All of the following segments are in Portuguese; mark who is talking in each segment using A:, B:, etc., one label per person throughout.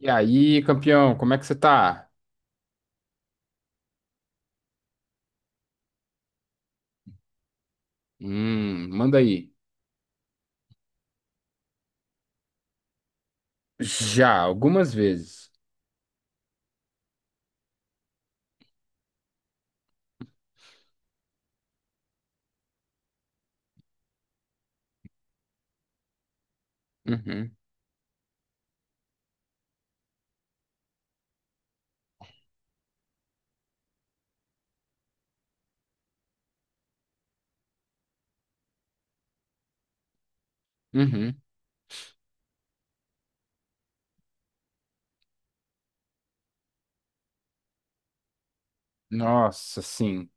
A: E aí, campeão, como é que você tá? Manda aí. Já, algumas vezes. Uhum, uhum. Nossa, sim.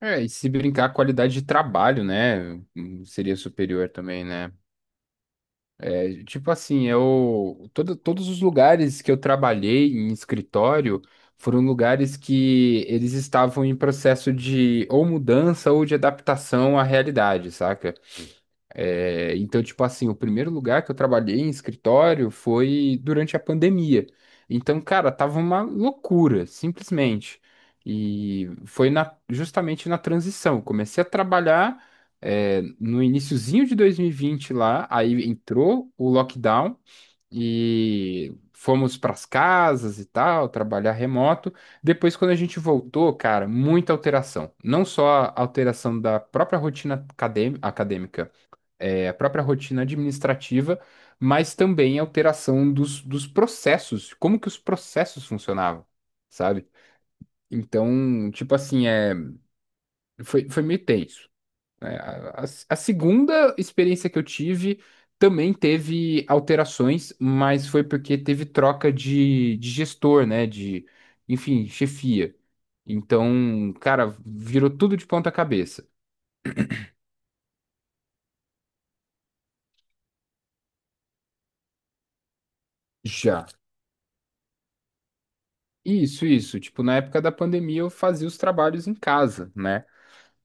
A: É, e se brincar, a qualidade de trabalho, né? Seria superior também, né? É, tipo assim, eu. Todos os lugares que eu trabalhei em escritório foram lugares que eles estavam em processo de ou mudança ou de adaptação à realidade, saca? É, então, tipo assim, o primeiro lugar que eu trabalhei em escritório foi durante a pandemia. Então, cara, tava uma loucura, simplesmente. E foi justamente na transição. Comecei a trabalhar, no iniciozinho de 2020 lá, aí entrou o lockdown e fomos pras casas e tal, trabalhar remoto. Depois, quando a gente voltou, cara, muita alteração. Não só a alteração da própria rotina acadêmica, a própria rotina administrativa, mas também a alteração dos processos, como que os processos funcionavam, sabe? Então, tipo assim, foi meio tenso, né? A segunda experiência que eu tive também teve alterações, mas foi porque teve troca de gestor, né? De, enfim, chefia. Então, cara, virou tudo de ponta cabeça. Já. Isso, isso. Tipo, na época da pandemia eu fazia os trabalhos em casa, né?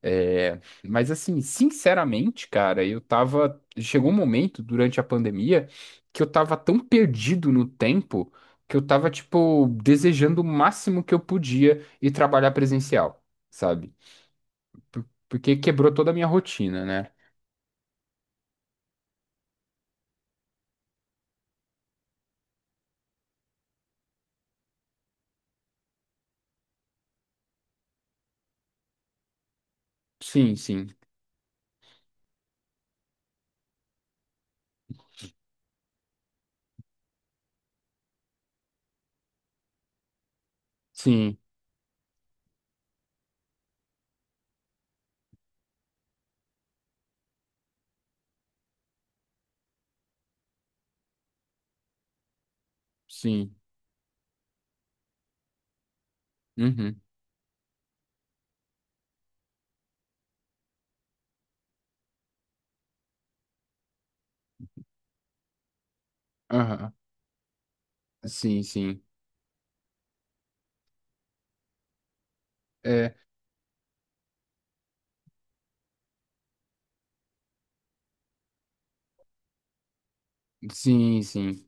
A: É, mas assim, sinceramente, cara, eu tava. Chegou um momento durante a pandemia que eu tava tão perdido no tempo que eu tava, tipo, desejando o máximo que eu podia ir trabalhar presencial, sabe? Porque quebrou toda a minha rotina, né? Sim, sim, sim, sim. Uhum. Aham. Sim, sim. É, sim, sim.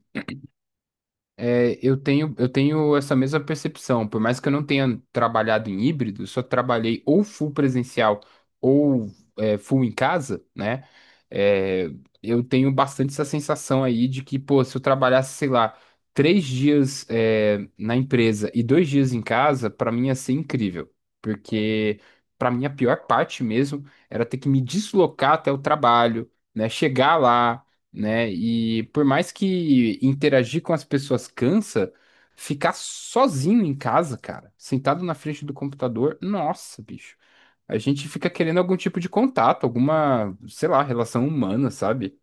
A: É, eu tenho essa mesma percepção. Por mais que eu não tenha trabalhado em híbrido, eu só trabalhei ou full presencial ou full em casa, né? É, eu tenho bastante essa sensação aí de que, pô, se eu trabalhasse, sei lá, 3 dias na empresa e 2 dias em casa, pra mim ia ser incrível. Porque pra mim a pior parte mesmo era ter que me deslocar até o trabalho, né? Chegar lá, né? E por mais que interagir com as pessoas cansa, ficar sozinho em casa, cara, sentado na frente do computador, nossa, bicho. A gente fica querendo algum tipo de contato, alguma, sei lá, relação humana, sabe?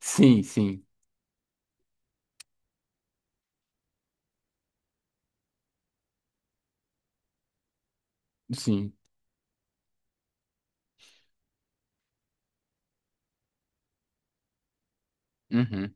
A: Sim, sim, sim. Uhum.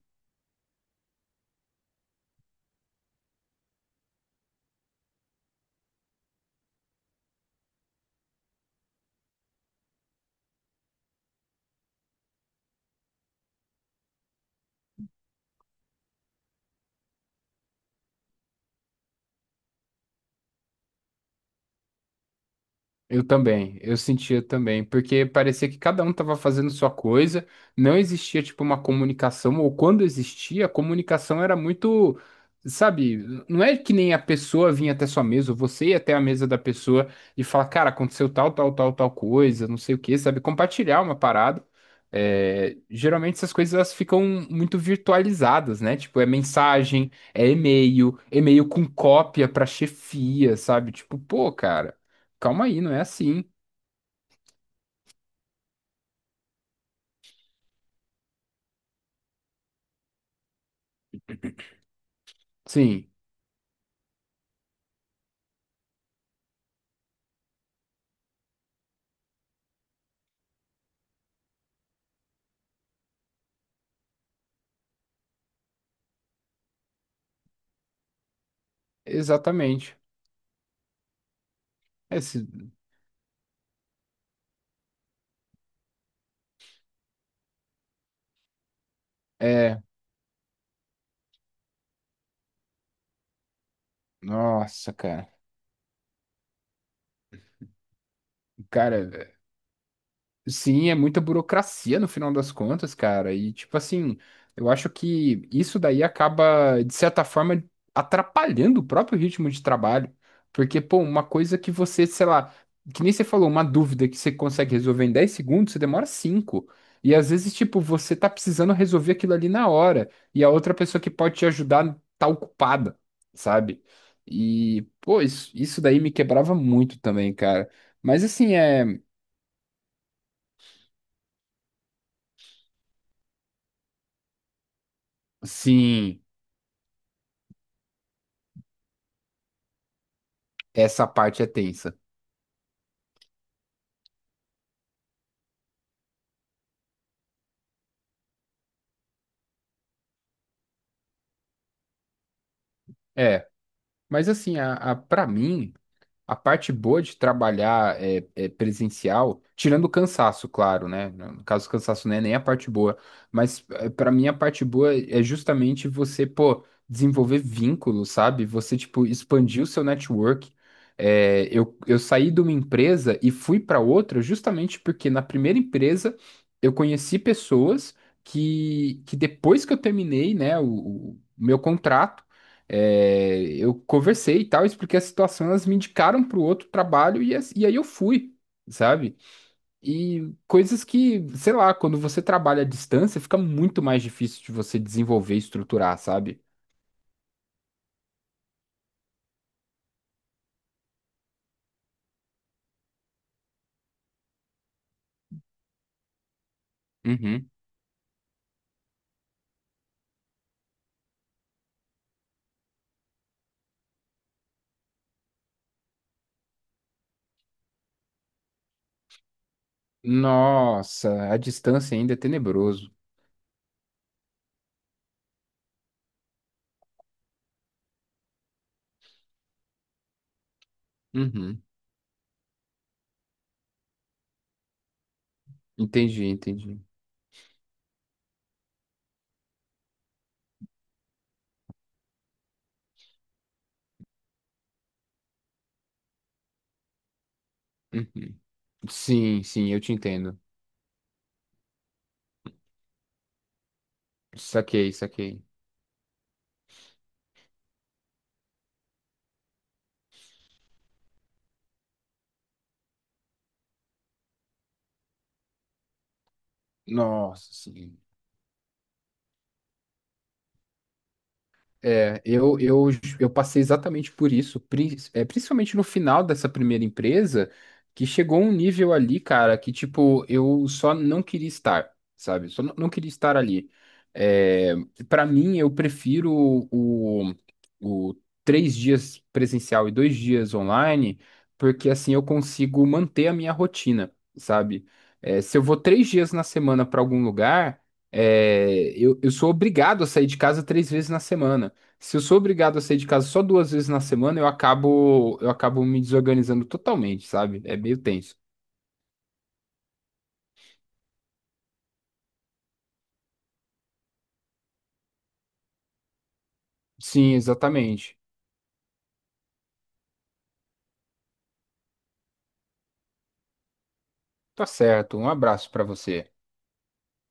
A: Eu também, eu sentia também, porque parecia que cada um estava fazendo sua coisa, não existia tipo uma comunicação, ou quando existia, a comunicação era muito, sabe, não é que nem a pessoa vinha até sua mesa, ou você ia até a mesa da pessoa e falar, cara, aconteceu tal, tal, tal, tal coisa, não sei o quê, sabe, compartilhar uma parada. É, geralmente essas coisas elas ficam muito virtualizadas, né? Tipo, é mensagem, é e-mail, e-mail com cópia pra chefia, sabe? Tipo, pô, cara. Calma aí, não é assim. Sim, exatamente. Esse, é, Nossa, cara. Cara, sim, é muita burocracia no final das contas, cara. E, tipo assim, eu acho que isso daí acaba, de certa forma, atrapalhando o próprio ritmo de trabalho. Porque, pô, uma coisa que você, sei lá, que nem você falou, uma dúvida que você consegue resolver em 10 segundos, você demora cinco. E às vezes, tipo, você tá precisando resolver aquilo ali na hora. E a outra pessoa que pode te ajudar tá ocupada, sabe? E, pô, isso daí me quebrava muito também, cara. Mas assim, é. Sim. Essa parte é tensa. É, mas assim, para mim, a parte boa de trabalhar é, presencial, tirando o cansaço, claro, né? No caso, o cansaço não é nem a parte boa, mas pra mim a parte boa é justamente você, pô, desenvolver vínculos, sabe? Você, tipo, expandir o seu network. É, eu saí de uma empresa e fui pra outra justamente porque na primeira empresa eu conheci pessoas que depois que eu terminei, né, o meu contrato, é, eu conversei e tal, expliquei a situação, elas me indicaram para o outro trabalho e aí eu fui, sabe? E coisas que, sei lá, quando você trabalha à distância, fica muito mais difícil de você desenvolver e estruturar, sabe? Uhum. Nossa, a distância ainda é tenebroso. Uhum. Entendi, entendi. Uhum. Sim, sim, eu te entendo. Saquei, saquei. Nossa, sim. É, eu passei exatamente por isso, principalmente no final dessa primeira empresa, que chegou um nível ali, cara, que tipo, eu só não queria estar, sabe? Só não, não queria estar ali. É, para mim, eu prefiro o, o 3 dias presencial e 2 dias online, porque assim eu consigo manter a minha rotina, sabe? É, se eu vou 3 dias na semana para algum lugar, eu sou obrigado a sair de casa 3 vezes na semana. Se eu sou obrigado a sair de casa só 2 vezes na semana, eu acabo me desorganizando totalmente, sabe? É meio tenso. Sim, exatamente. Tá certo. Um abraço pra você.